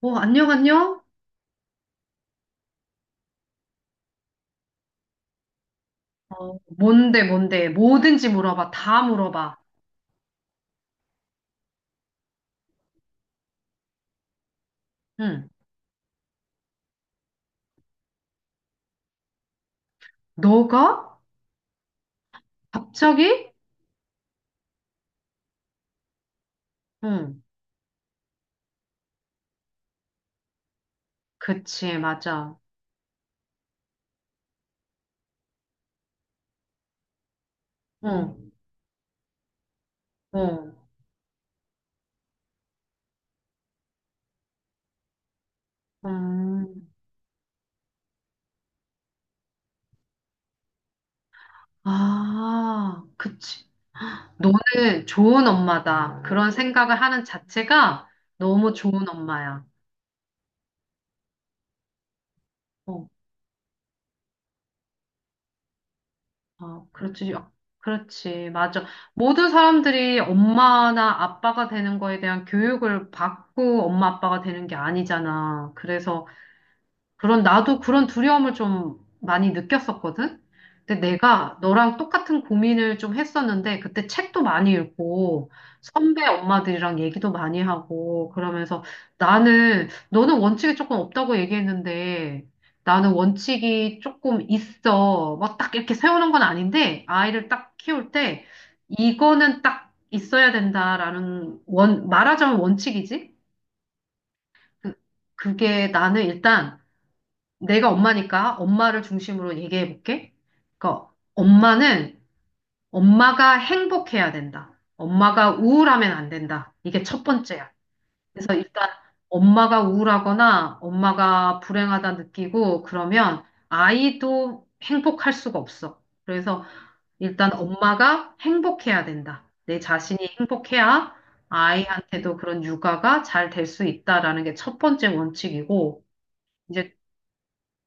어, 안녕, 안녕? 어, 뭔데, 뭔데? 뭐든지 물어봐. 다 물어봐. 응. 너가? 갑자기? 응. 그치, 맞아. 응, 응, 음. 아, 그치. 너는 좋은 엄마다. 그런 생각을 하는 자체가 너무 좋은 엄마야. 어, 아, 그렇지. 아, 그렇지, 맞아. 모든 사람들이 엄마나 아빠가 되는 거에 대한 교육을 받고 엄마 아빠가 되는 게 아니잖아. 그래서 그런, 나도 그런 두려움을 좀 많이 느꼈었거든? 근데 내가 너랑 똑같은 고민을 좀 했었는데, 그때 책도 많이 읽고, 선배 엄마들이랑 얘기도 많이 하고, 그러면서 나는, 너는 원칙이 조금 없다고 얘기했는데, 나는 원칙이 조금 있어. 막 딱 이렇게 세우는 건 아닌데, 아이를 딱 키울 때, 이거는 딱 있어야 된다라는 원, 말하자면 원칙이지? 그- 그게 나는 일단, 내가 엄마니까 엄마를 중심으로 얘기해 볼게. 그러니까 엄마는 엄마가 행복해야 된다. 엄마가 우울하면 안 된다. 이게 첫 번째야. 그래서 일단 엄마가 우울하거나 엄마가 불행하다 느끼고 그러면 아이도 행복할 수가 없어. 그래서 일단 엄마가 행복해야 된다. 내 자신이 행복해야 아이한테도 그런 육아가 잘 될 수 있다라는 게 첫 번째 원칙이고 이제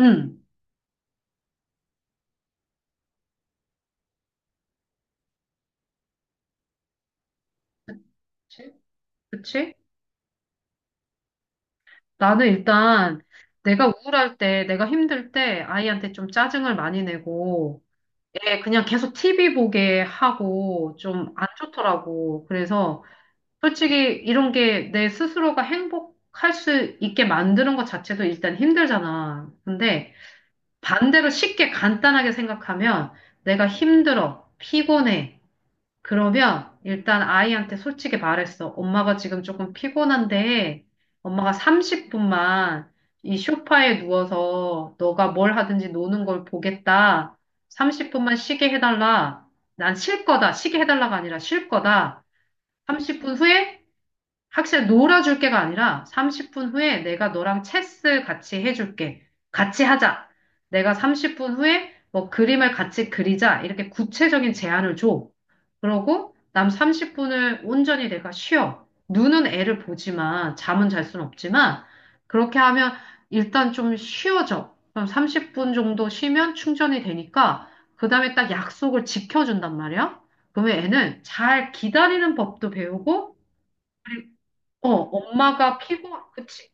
음. 그치? 그치? 나는 일단 내가 우울할 때, 내가 힘들 때 아이한테 좀 짜증을 많이 내고, 애 그냥 계속 티비 보게 하고 좀 안 좋더라고. 그래서 솔직히 이런 게 내 스스로가 행복할 수 있게 만드는 것 자체도 일단 힘들잖아. 근데 반대로 쉽게 간단하게 생각하면 내가 힘들어, 피곤해. 그러면 일단 아이한테 솔직히 말했어. 엄마가 지금 조금 피곤한데 엄마가 30분만 이 소파에 누워서 너가 뭘 하든지 노는 걸 보겠다. 30분만 쉬게 해달라. 난 쉴 거다. 쉬게 해달라가 아니라 쉴 거다. 30분 후에 학생 놀아줄 게가 아니라 30분 후에 내가 너랑 체스 같이 해줄게. 같이 하자. 내가 30분 후에 뭐 그림을 같이 그리자. 이렇게 구체적인 제안을 줘. 그러고 남 30분을 온전히 내가 쉬어. 눈은 애를 보지만 잠은 잘 수는 없지만 그렇게 하면 일단 좀 쉬어져. 그럼 30분 정도 쉬면 충전이 되니까 그다음에 딱 약속을 지켜준단 말이야. 그러면 애는 잘 기다리는 법도 배우고 그치,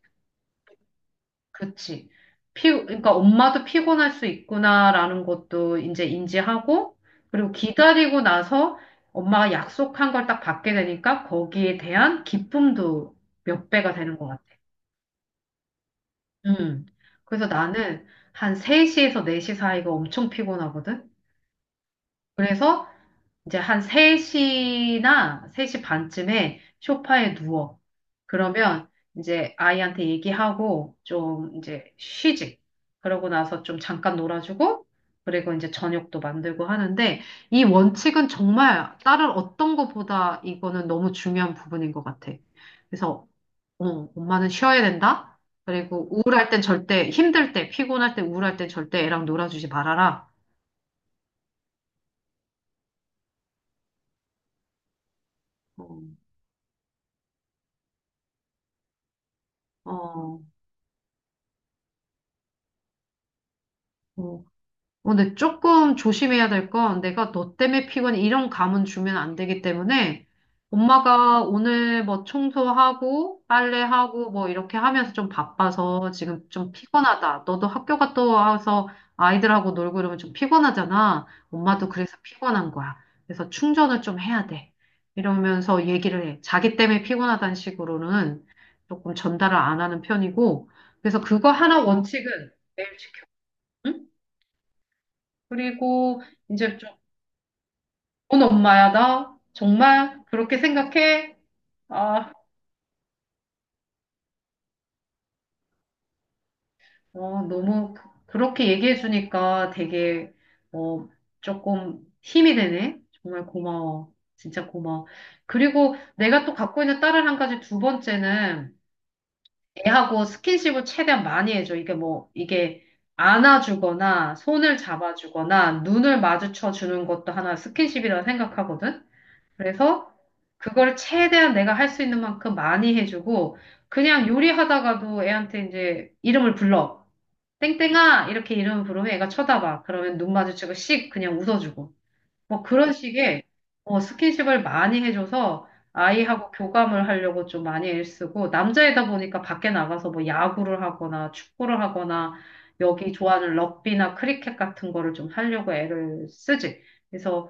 그치. 그러니까 엄마도 피곤할 수 있구나라는 것도 이제 인지하고, 그리고 기다리고 나서 엄마가 약속한 걸 딱 받게 되니까 거기에 대한 기쁨도 몇 배가 되는 것 같아. 음. 그래서 나는 한 3시에서 4시 사이가 엄청 피곤하거든. 그래서 이제 한 3시나 3시 반쯤에 소파에 누워. 그러면 이제 아이한테 얘기하고 좀 이제 쉬지. 그러고 나서 좀 잠깐 놀아주고, 그리고 이제 저녁도 만들고 하는데, 이 원칙은 정말 다른 어떤 것보다 이거는 너무 중요한 부분인 것 같아. 그래서, 어, 엄마는 쉬어야 된다. 그리고 우울할 땐 절대, 힘들 때, 피곤할 때, 우울할 땐 절대 애랑 놀아주지 말아라. 어, 어, 어, 어, 근데 조금 조심해야 될 건 내가 너 때문에 피곤해 이런 감은 주면 안 되기 때문에 엄마가 오늘 뭐 청소하고 빨래하고 뭐 이렇게 하면서 좀 바빠서 지금 좀 피곤하다. 너도 학교 갔다 와서 아이들하고 놀고 이러면 좀 피곤하잖아. 엄마도 그래서 피곤한 거야. 그래서 충전을 좀 해야 돼. 이러면서 얘기를 해. 자기 때문에 피곤하다는 식으로는 조금 전달을 안 하는 편이고. 그래서 그거 하나 원칙은 매일 지켜. 응? 그리고 이제 좀, 넌 엄마야, 나? 정말? 그렇게 생각해? 아, 어, 너무, 그렇게 얘기해주니까 되게, 어, 조금 힘이 되네? 정말 고마워. 진짜 고마워. 그리고 내가 또 갖고 있는 딸을 한 가지 두 번째는 애하고 스킨십을 최대한 많이 해줘. 이게 뭐, 이게 안아주거나 손을 잡아주거나 눈을 마주쳐 주는 것도 하나 스킨십이라 생각하거든? 그래서 그걸 최대한 내가 할 수 있는 만큼 많이 해주고 그냥 요리하다가도 애한테 이제 이름을 불러. 땡땡아 이렇게 이름을 부르면 애가 쳐다봐. 그러면 눈 마주치고 씩 그냥 웃어주고. 뭐 그런 식의 어, 스킨십을 많이 해줘서 아이하고 교감을 하려고 좀 많이 애쓰고 남자이다 보니까 밖에 나가서 뭐 야구를 하거나 축구를 하거나 여기 좋아하는 럭비나 크리켓 같은 거를 좀 하려고 애를 쓰지. 그래서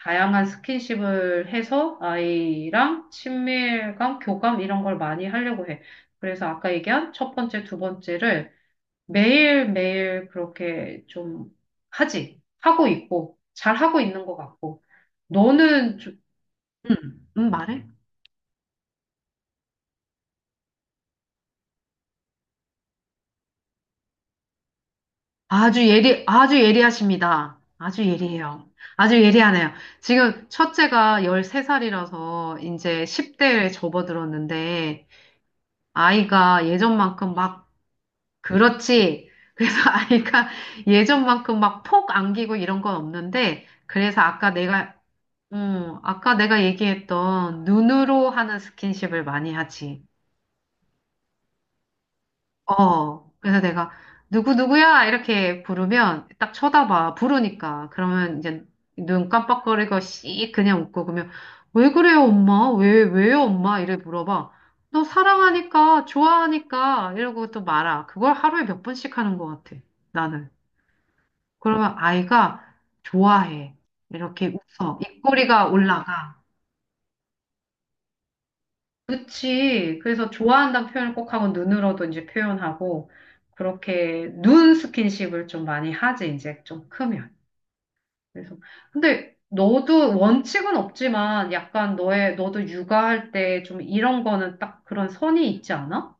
다양한 스킨십을 해서 아이랑 친밀감, 교감 이런 걸 많이 하려고 해. 그래서 아까 얘기한 첫 번째, 두 번째를 매일매일 그렇게 좀 하지. 하고 있고, 잘 하고 있는 것 같고. 너는 좀, 말해? 아주 예리, 아주 예리하십니다. 아주 예리해요. 아주 예리하네요. 지금 첫째가 13살이라서 이제 10대에 접어들었는데, 아이가 예전만큼 막, 그렇지. 그래서 아이가 예전만큼 막 폭 안기고 이런 건 없는데, 그래서 아까 내가 어, 아까 내가 얘기했던 눈으로 하는 스킨십을 많이 하지. 어, 그래서 내가 누구누구야? 이렇게 부르면 딱 쳐다봐. 부르니까. 그러면 이제 눈 깜빡거리고 씩 그냥 웃고 그러면 왜 그래요, 엄마? 왜요, 엄마? 이래 물어봐. 너 사랑하니까, 좋아하니까 이러고 또 말아. 그걸 하루에 몇 번씩 하는 것 같아. 나는. 그러면 아이가 좋아해. 이렇게 웃어. 입꼬리가 올라가. 그치. 그래서 좋아한다는 표현을 꼭 하고 눈으로도 이제 표현하고 그렇게 눈 스킨십을 좀 많이 하지 이제 좀 크면. 그래서 근데 너도 원칙은 없지만 약간 너의 너도 육아할 때 좀 이런 거는 딱 그런 선이 있지 않아?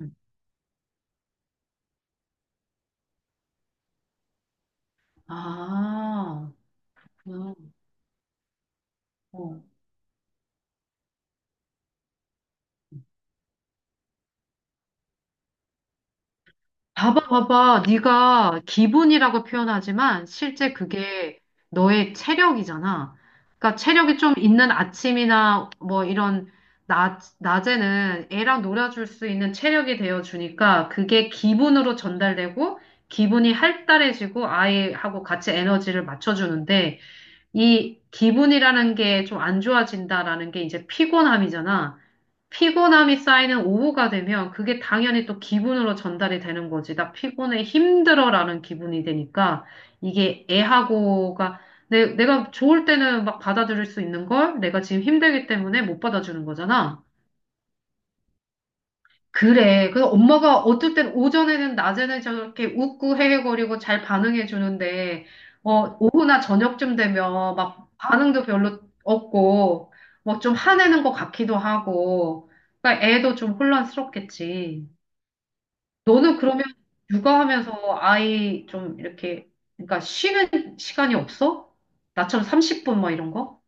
응. 아, 그렇구나. 어. 봐봐, 봐봐. 네가 기분이라고 표현하지만 실제 그게 너의 체력이잖아. 그러니까 체력이 좀 있는 아침이나 뭐 이런 낮에는 애랑 놀아줄 수 있는 체력이 되어 주니까 그게 기분으로 전달되고 기분이 활달해지고 아이하고 같이 에너지를 맞춰주는데 이 기분이라는 게 좀 안 좋아진다라는 게 이제 피곤함이잖아. 피곤함이 쌓이는 오후가 되면 그게 당연히 또 기분으로 전달이 되는 거지. 나 피곤해, 힘들어라는 기분이 되니까 이게 애하고가 내가 좋을 때는 막 받아들일 수 있는 걸 내가 지금 힘들기 때문에 못 받아주는 거잖아. 그래. 그래서 엄마가 어떨 땐 오전에는 낮에는 저렇게 웃고 헤헤거리고 잘 반응해 주는데, 어, 오후나 저녁쯤 되면 막 반응도 별로 없고, 뭐 좀 화내는 것 같기도 하고, 그러니까 애도 좀 혼란스럽겠지. 너는 그러면 육아하면서 아이 좀 이렇게, 그러니까 쉬는 시간이 없어? 나처럼 30분 뭐 이런 거?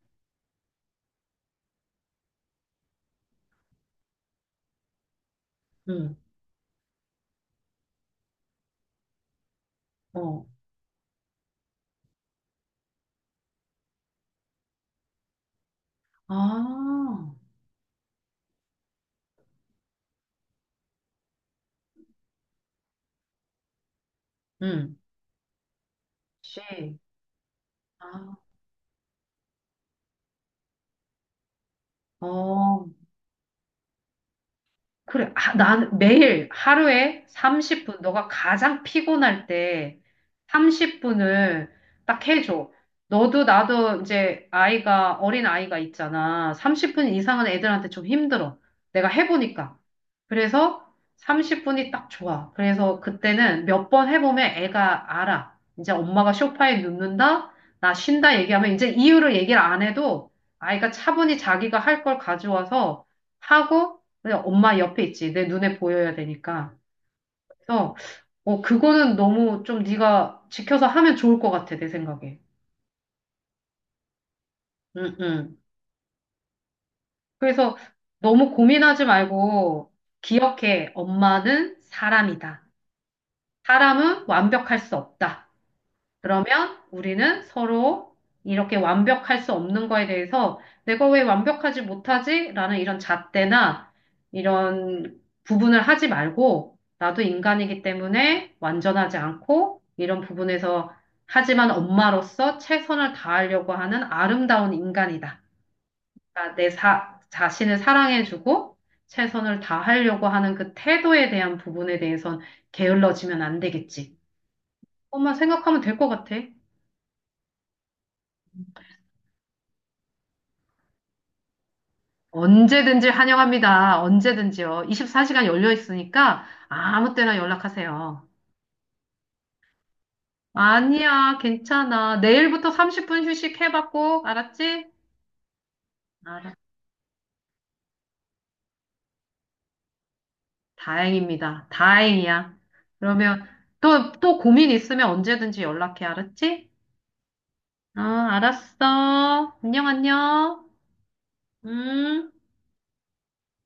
응, 어. 아, 응, 씨. 아, 어. 그래. 아, 난 매일 하루에 30분, 너가 가장 피곤할 때 30분을 딱 해줘. 너도 나도 이제 아이가, 어린 아이가 있잖아. 30분 이상은 애들한테 좀 힘들어. 내가 해보니까. 그래서 30분이 딱 좋아. 그래서 그때는 몇 번 해보면 애가 알아. 이제 엄마가 소파에 눕는다? 나 쉰다 얘기하면 이제 이유를 얘기를 안 해도 아이가 차분히 자기가 할 걸 가져와서 하고 그냥 엄마 옆에 있지. 내 눈에 보여야 되니까. 그래서 어 그거는 너무 좀 네가 지켜서 하면 좋을 것 같아 내 생각에. 응, 응. 그래서 너무 고민하지 말고 기억해. 엄마는 사람이다. 사람은 완벽할 수 없다. 그러면 우리는 서로 이렇게 완벽할 수 없는 거에 대해서 내가 왜 완벽하지 못하지? 라는 이런 잣대나 이런 부분을 하지 말고 나도 인간이기 때문에 완전하지 않고 이런 부분에서 하지만 엄마로서 최선을 다하려고 하는 아름다운 인간이다. 그러니까 내 자신을 사랑해주고 최선을 다하려고 하는 그 태도에 대한 부분에 대해선 게을러지면 안 되겠지. 엄마 생각하면 될 것 같아. 언제든지 환영합니다. 언제든지요. 24시간 열려 있으니까 아무 때나 연락하세요. 아니야, 괜찮아. 내일부터 30분 휴식해봤고, 알았지? 알았. 다행입니다. 다행이야. 그러면 또, 또 고민 있으면 언제든지 연락해, 알았지? 어, 알았어. 안녕, 안녕. 음.